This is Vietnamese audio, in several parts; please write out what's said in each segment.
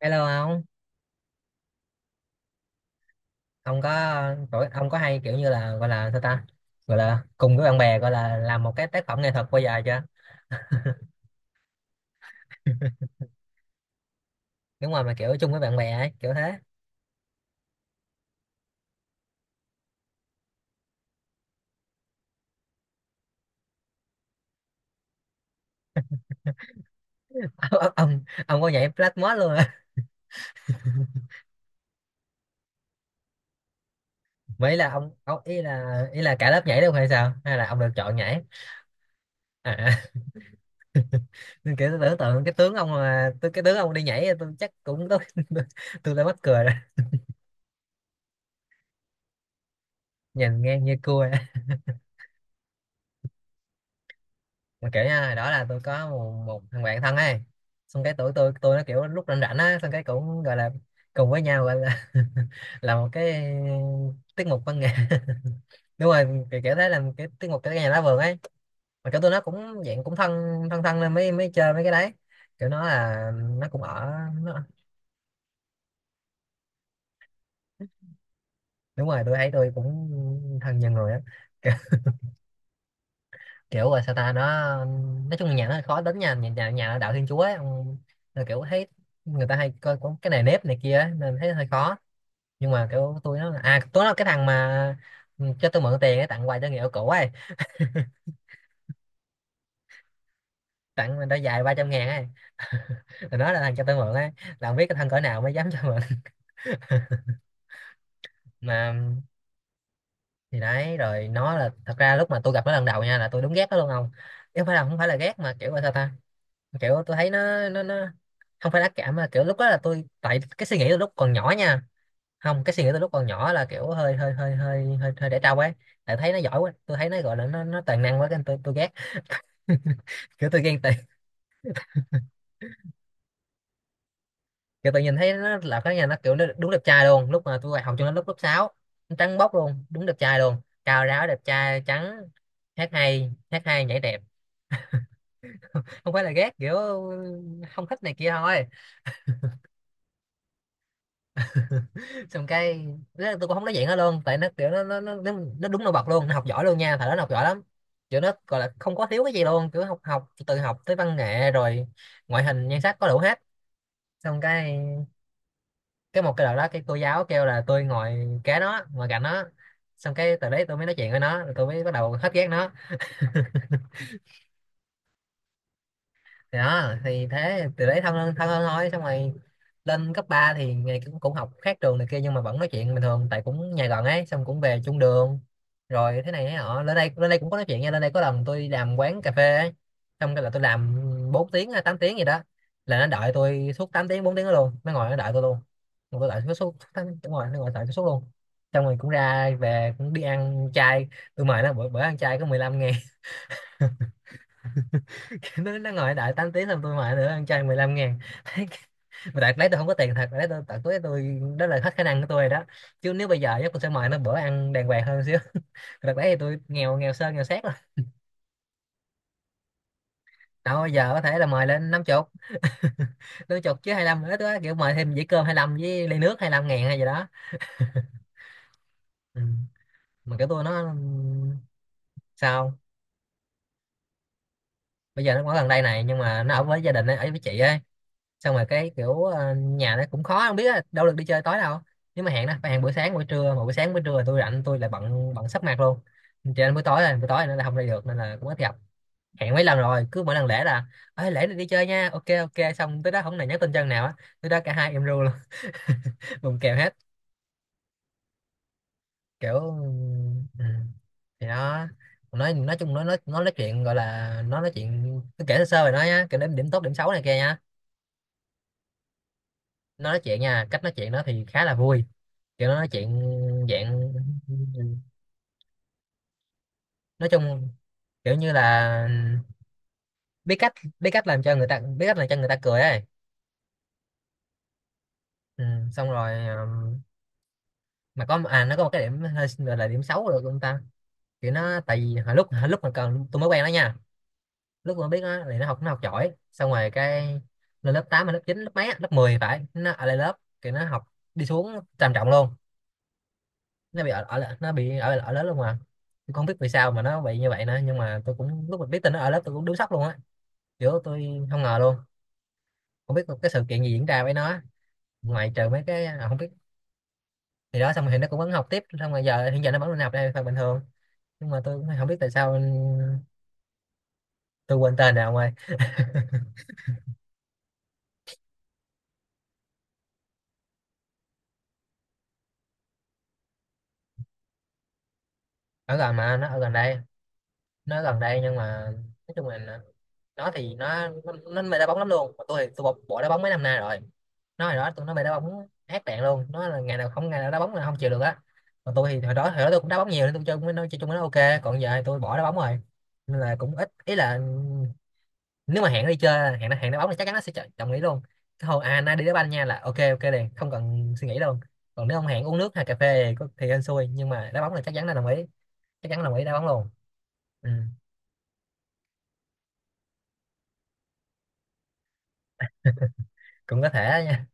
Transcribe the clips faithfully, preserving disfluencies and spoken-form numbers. Hello ông. Ông có Tuổi ông có hay kiểu như là gọi là sao ta, gọi là cùng với bạn bè gọi là làm một cái tác phẩm nghệ thuật bao giờ chưa? Đúng rồi, mà kiểu chung với bạn bè ấy, kiểu thế. Ông ông, ông có nhảy flashmob luôn à? Mấy là ông, ông ý là ý là cả lớp nhảy luôn hay sao, hay là ông được chọn nhảy? À. Nên kiểu tôi tưởng tượng cái tướng ông, mà tôi cái tướng ông đi nhảy tôi chắc cũng tôi tôi, tôi đã mắc cười rồi, nhìn ngang như cua. Mà kiểu nha, đó là tôi có một, một thằng bạn thân ấy. Xong cái tụi tôi tôi nó kiểu lúc rảnh rảnh á, xong cái cũng gọi là cùng với nhau, gọi là là một cái tiết mục văn nghệ. Đúng rồi, kiểu, kiểu thế là cái tiết mục cái nhà lá vườn ấy. Mà kiểu tôi nó cũng dạng cũng thân, thân thân nên mới mới chơi mấy cái đấy. Kiểu nó là nó cũng ở nó, đúng rồi, tôi thấy tôi cũng thân nhiều người á. Kiểu là sao ta, nó nói chung là nhà nó hơi khó tính nha, nhà nhà, nhà đạo Thiên Chúa ấy, ông- là kiểu thấy người ta hay coi có cái này nếp này kia ấy, nên thấy hơi khó. Nhưng mà kiểu tôi nó, à tôi nó cái thằng mà ừ, cho tôi mượn tiền ấy, tặng quà cho người yêu cũ ấy, tặng mình đôi giày ba trăm ngàn ấy. Rồi nó là thằng cho tôi mượn ấy, là không biết cái thằng cỡ nào mới dám cho mượn. Mà thì đấy, rồi nó là, thật ra lúc mà tôi gặp nó lần đầu nha là tôi đúng ghét nó luôn, không chứ không phải là, không phải là ghét mà kiểu là sao ta, kiểu tôi thấy nó nó nó, không phải ác cảm mà kiểu lúc đó là tôi, tại cái suy nghĩ tôi lúc còn nhỏ nha, không, cái suy nghĩ tôi lúc còn nhỏ là kiểu hơi hơi hơi hơi hơi, hơi để trâu ấy, tại thấy nó giỏi quá. Tôi thấy nó gọi là nó nó toàn năng quá, cái tôi tôi ghét. Kiểu tôi ghen tị, kiểu tôi nhìn thấy nó là cái nhà nó kiểu nó đúng đẹp trai luôn, lúc mà tôi vào học cho nó lúc lớp sáu. Nó trắng bóc luôn, đúng đẹp trai luôn, cao ráo đẹp trai trắng, hát hay hát hay, nhảy đẹp. Không phải là ghét, kiểu không thích này kia thôi. Xong cái đó, tôi cũng không nói chuyện nó luôn, tại nó kiểu nó nó nó, nó nó đúng nổi bật luôn, nó học giỏi luôn nha, thời đó nó học giỏi lắm. Kiểu nó gọi là không có thiếu cái gì luôn, kiểu học, học từ học tới văn nghệ, rồi ngoại hình nhan sắc có đủ hết. Xong cái cái một cái đợt đó, cái cô giáo kêu là tôi ngồi kế nó, ngồi cạnh nó, xong cái từ đấy tôi mới nói chuyện với nó, rồi tôi mới bắt đầu hết ghét nó. Thì đó, thì thế, từ đấy thân hơn, thân hơn thôi. Xong rồi lên cấp ba thì ngày cũng cũng học khác trường này kia, nhưng mà vẫn nói chuyện bình thường, tại cũng nhà gần ấy, xong cũng về chung đường. Rồi thế này thế họ, lên đây, lên đây cũng có nói chuyện nha. Lên đây có lần tôi đi làm quán cà phê ấy, xong cái là tôi làm bốn tiếng hay tám tiếng gì đó, là nó đợi tôi suốt tám tiếng, bốn tiếng đó luôn, nó ngồi nó đợi tôi luôn. Mà tôi đợi suốt suốt suốt, đúng rồi, nó ngồi đợi tôi suốt luôn. Xong rồi cũng ra về, cũng đi ăn chay, tôi mời nó bữa bữa ăn chay có mười lăm ngàn. nó nó ngồi đợi tám tiếng xong tôi mời nữa ăn chay mười lăm ngàn. Mà đợt đấy tôi không có tiền thật đấy, tôi tận túi tôi, đó là hết khả năng của tôi rồi đó, chứ nếu bây giờ chắc tôi sẽ mời nó bữa ăn đàng hoàng hơn xíu. Đợt đấy thì tôi nghèo, nghèo sơn nghèo xét rồi. Đâu, bây giờ có thể là mời lên năm chục. Năm chục chứ hai lăm, nữa tôi kiểu mời thêm dĩa cơm hai lăm với ly nước hai lăm ngàn hay gì đó. Ừ. Mà kiểu tôi nó sao, bây giờ nó ở gần đây này, nhưng mà nó ở với gia đình ấy, ở với chị ấy. Xong rồi cái kiểu ờ, nhà nó cũng khó không biết á, đâu được đi chơi tối đâu. Nếu mà hẹn đó phải hẹn buổi sáng buổi trưa, mà buổi sáng buổi trưa là tôi rảnh, tôi lại bận, bận sắp mặt luôn, cho nên buổi tối, rồi buổi tối nó là không đi được, nên là cũng ít gặp. Hẹn mấy lần rồi, cứ mỗi lần lễ là ơi lễ này đi chơi nha, ok ok, xong tới đó không này, nhắn tin chân nào á, tới đó cả hai em ru luôn. Bùng kèo hết. Kiểu ừ. Thì nó nói nói chung nó nói, nó nói chuyện gọi là, nó nói chuyện tôi kể sơ sơ rồi nói nhá, kể đến điểm tốt điểm xấu này kia nhá. Nó nói chuyện nha, cách nói chuyện nó thì khá là vui, kiểu nó nói chuyện dạng, nói chung kiểu như là biết cách, biết cách làm cho người ta biết cách làm cho người ta cười ấy. Ừ, xong rồi um, mà có, à nó có một cái điểm hơi gọi là điểm xấu được ông ta. Kiểu nó tại vì hồi lúc, hồi lúc mà còn tôi mới quen nó nha, lúc mà biết nó thì nó học, nó học giỏi, xong rồi cái lên lớp tám hay lớp chín lớp mấy á, lớp mười phải, nó ở lại lớp. Kiểu nó học đi xuống trầm trọng luôn, nó bị ở, ở lại- nó bị ở ở lớp luôn mà. Tôi không biết vì sao mà nó bị như vậy nữa, nhưng mà tôi cũng lúc mà biết tin nó ở lớp tôi cũng đứng sốc luôn á, kiểu tôi không ngờ luôn, không biết cái sự kiện gì diễn ra với nó, ngoại trừ mấy cái à, không biết. Thì đó xong rồi thì nó cũng vẫn học tiếp, xong rồi giờ hiện giờ nó vẫn đi học đây phần bình thường, nhưng mà tôi cũng không biết tại sao. Ừ, tôi quên tên rồi ông ơi. Ở gần mà, nó ở gần đây, nó ở gần đây nhưng mà nói chung là nó thì nó nó, nó mê đá bóng lắm luôn, mà tôi thì tôi bỏ, bỏ đá bóng mấy năm nay rồi. Nó hồi đó tôi nó mê đá bóng ác đạn luôn, nó là ngày nào không, ngày nào đá bóng là không chịu được á. Còn tôi thì hồi đó hồi đó tôi cũng đá bóng nhiều nên tôi chơi cũng- nó chơi chung với nó ok, còn giờ thì tôi bỏ đá bóng rồi, nên là cũng ít, ý là nếu mà hẹn nó đi chơi, hẹn nó, hẹn nó bóng thì chắc chắn nó sẽ chọn đồng ý luôn. Cái hồi à nay đi đá banh nha là ok ok liền, không cần suy nghĩ đâu. Còn nếu ông hẹn uống nước hay cà phê thì, có- thì hên xui, nhưng mà đá bóng là chắc chắn là đồng ý, chắc chắn đồng ý đá bóng luôn. Ừ. Cũng có thể đó nha.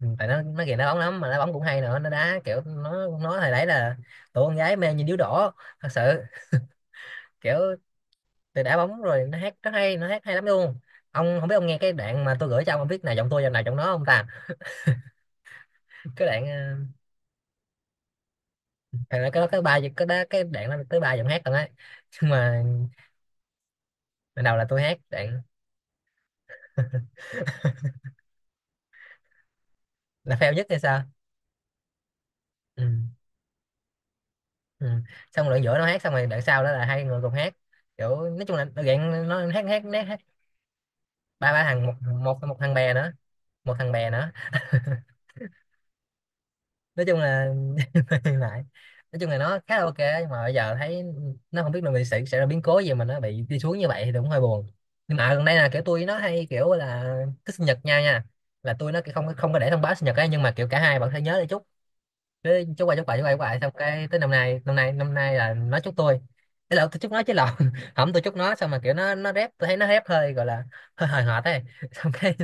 Ừ, tại nó nó ghiền đá bóng lắm, mà đá bóng cũng hay nữa, nó đá kiểu nó nó hồi đấy là tụi con gái mê như điếu đổ, thật sự. Kiểu từ đá bóng, rồi nó hát rất hay, nó hát hay lắm luôn. Ông không biết ông nghe cái đoạn mà tôi gửi cho ông ông biết nào giọng tôi giọng nào giọng nó không ta? Cái đoạn ờ, thì nó có cái ba cái đó, cái đoạn nó tới ba giọng hát còn ấy. Nhưng mà ban đầu là tôi hát, đoạn là fail nhất hay sao. Ừ. Ừ. Xong đoạn giữa nó hát, xong rồi đoạn sau đó là hai người cùng hát. Kiểu nói chung là đoạn nó hát, hát hát, hát. Ba ba thằng, một một một thằng bè nữa, một thằng bè nữa nói chung là hiện nói chung là nó khá là ok nhưng mà bây giờ thấy nó không biết là mình sẽ sẽ ra biến cố gì mà nó bị đi xuống như vậy thì cũng hơi buồn. Nhưng mà gần đây là kiểu tôi nó hay kiểu là cái sinh nhật nhau nha, là tôi nó kiểu không không có để thông báo sinh nhật ấy, nhưng mà kiểu cả hai bạn phải nhớ để chúc. Cái chúc qua chúc lại chúc qua chúc lại, xong cái tới năm nay năm nay năm nay là nó chúc tôi, thế là tôi chúc nó chứ lộn, không tôi chúc nó xong mà kiểu nó nó rép, tôi thấy nó rép hơi gọi là hơi hời hợt ấy. Xong cái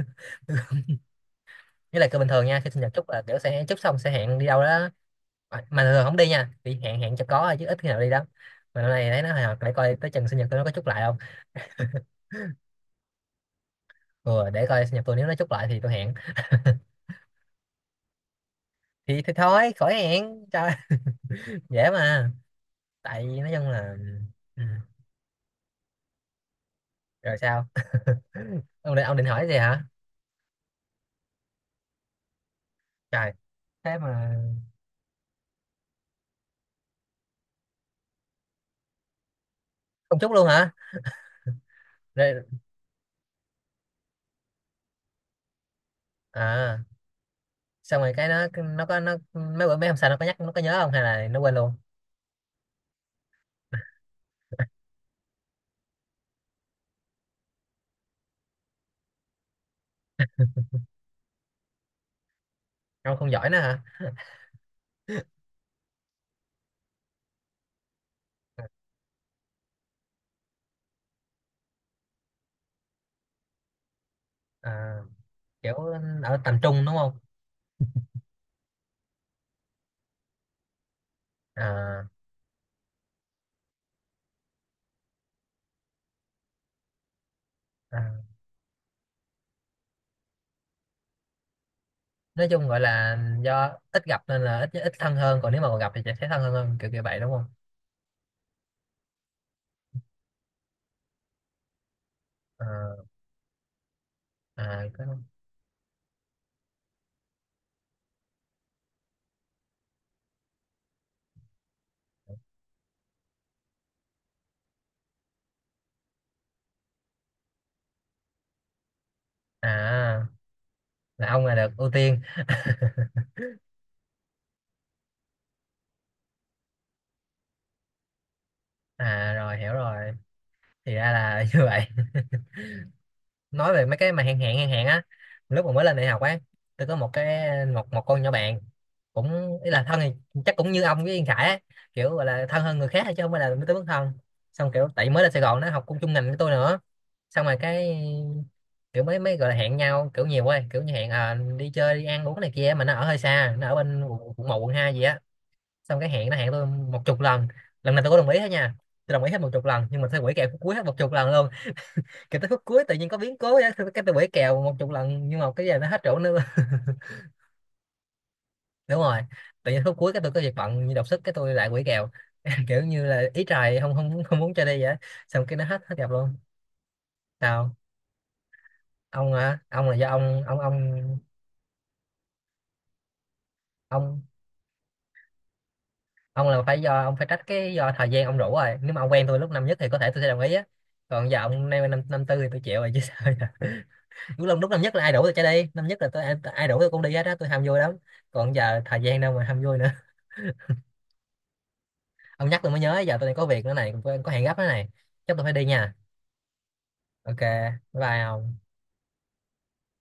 nghĩa là cứ bình thường nha, khi sinh nhật chúc là kiểu sẽ chúc xong sẽ hẹn đi đâu đó. Ờ, mà thường không đi nha, bị hẹn hẹn cho có thôi chứ ít khi nào đi lắm, mà hôm nay thấy nó hồi hộp, để coi tới chừng sinh nhật tôi nó có chúc lại không. Ừ, để coi sinh nhật tôi nếu nó chúc lại thì tôi hẹn. thì, thì thôi khỏi hẹn trời, dễ mà. Tại vì nói chung là ừ. Rồi sao, ông định ông định hỏi gì hả? Trời, thế mà không chúc luôn hả? Rồi, à, xong rồi cái nó nó có nó mấy bữa mấy hôm sau nó có nhắc, nó có nhớ không hay là nó quên luôn? Ông không giỏi nữa hả? à, kiểu ở tầm trung đúng không? À, à. Nói chung gọi là do ít gặp nên là ít ít thân hơn, còn nếu mà còn gặp thì sẽ thấy thân hơn hơn kiểu kiểu vậy đúng không? Ờ, à, có- à, là ông là được ưu tiên. À rồi hiểu rồi, thì ra là như vậy. Nói về mấy cái mà hẹn hẹn hẹn hẹn á, lúc mà mới lên đại học á, tôi có một cái một một con nhỏ bạn cũng ý là thân thì chắc cũng như ông với Yên Khải á, kiểu gọi là thân hơn người khác thôi chứ không phải là tới mức thân. Xong kiểu tại mới lên Sài Gòn nó học cùng chung ngành với tôi nữa, xong rồi cái kiểu mới mới gọi là hẹn nhau kiểu nhiều quá, kiểu như hẹn, à, đi chơi đi ăn uống này kia, mà nó ở hơi xa, nó ở bên quận quận một quận hai gì á. Xong cái hẹn, nó hẹn tôi một chục lần, lần nào tôi có đồng ý hết nha, tôi đồng ý hết một chục lần nhưng mà tôi quỷ kèo phút cuối hết một chục lần luôn. Kiểu tới phút cuối tự nhiên có biến cố á, cái tôi quỷ kèo một chục lần nhưng mà cái giờ nó hết chỗ nữa. đúng rồi, tự nhiên phút cuối cái tôi có việc bận như đột xuất cái tôi lại quỷ kèo, kiểu như là ý trời không không không muốn cho đi vậy á. Xong cái nó hết hết gặp luôn. Sao? Ông hả? Ông là do ông ông ông ông ông là phải do ông, phải trách cái do thời gian ông rủ rồi, nếu mà ông quen tôi lúc năm nhất thì có thể tôi sẽ đồng ý á, còn giờ ông nay năm năm tư thì tôi chịu rồi chứ sao giờ. lúc năm lúc năm nhất là ai rủ tôi chạy đi, năm nhất là tôi ai ai rủ tôi cũng đi hết á, tôi ham vui lắm. Còn giờ thời gian đâu mà ham vui nữa. Ông nhắc tôi mới nhớ, giờ tôi đang có việc nữa này, có, có hẹn gấp nữa này, chắc tôi phải đi nha. Ok bye, bye ông.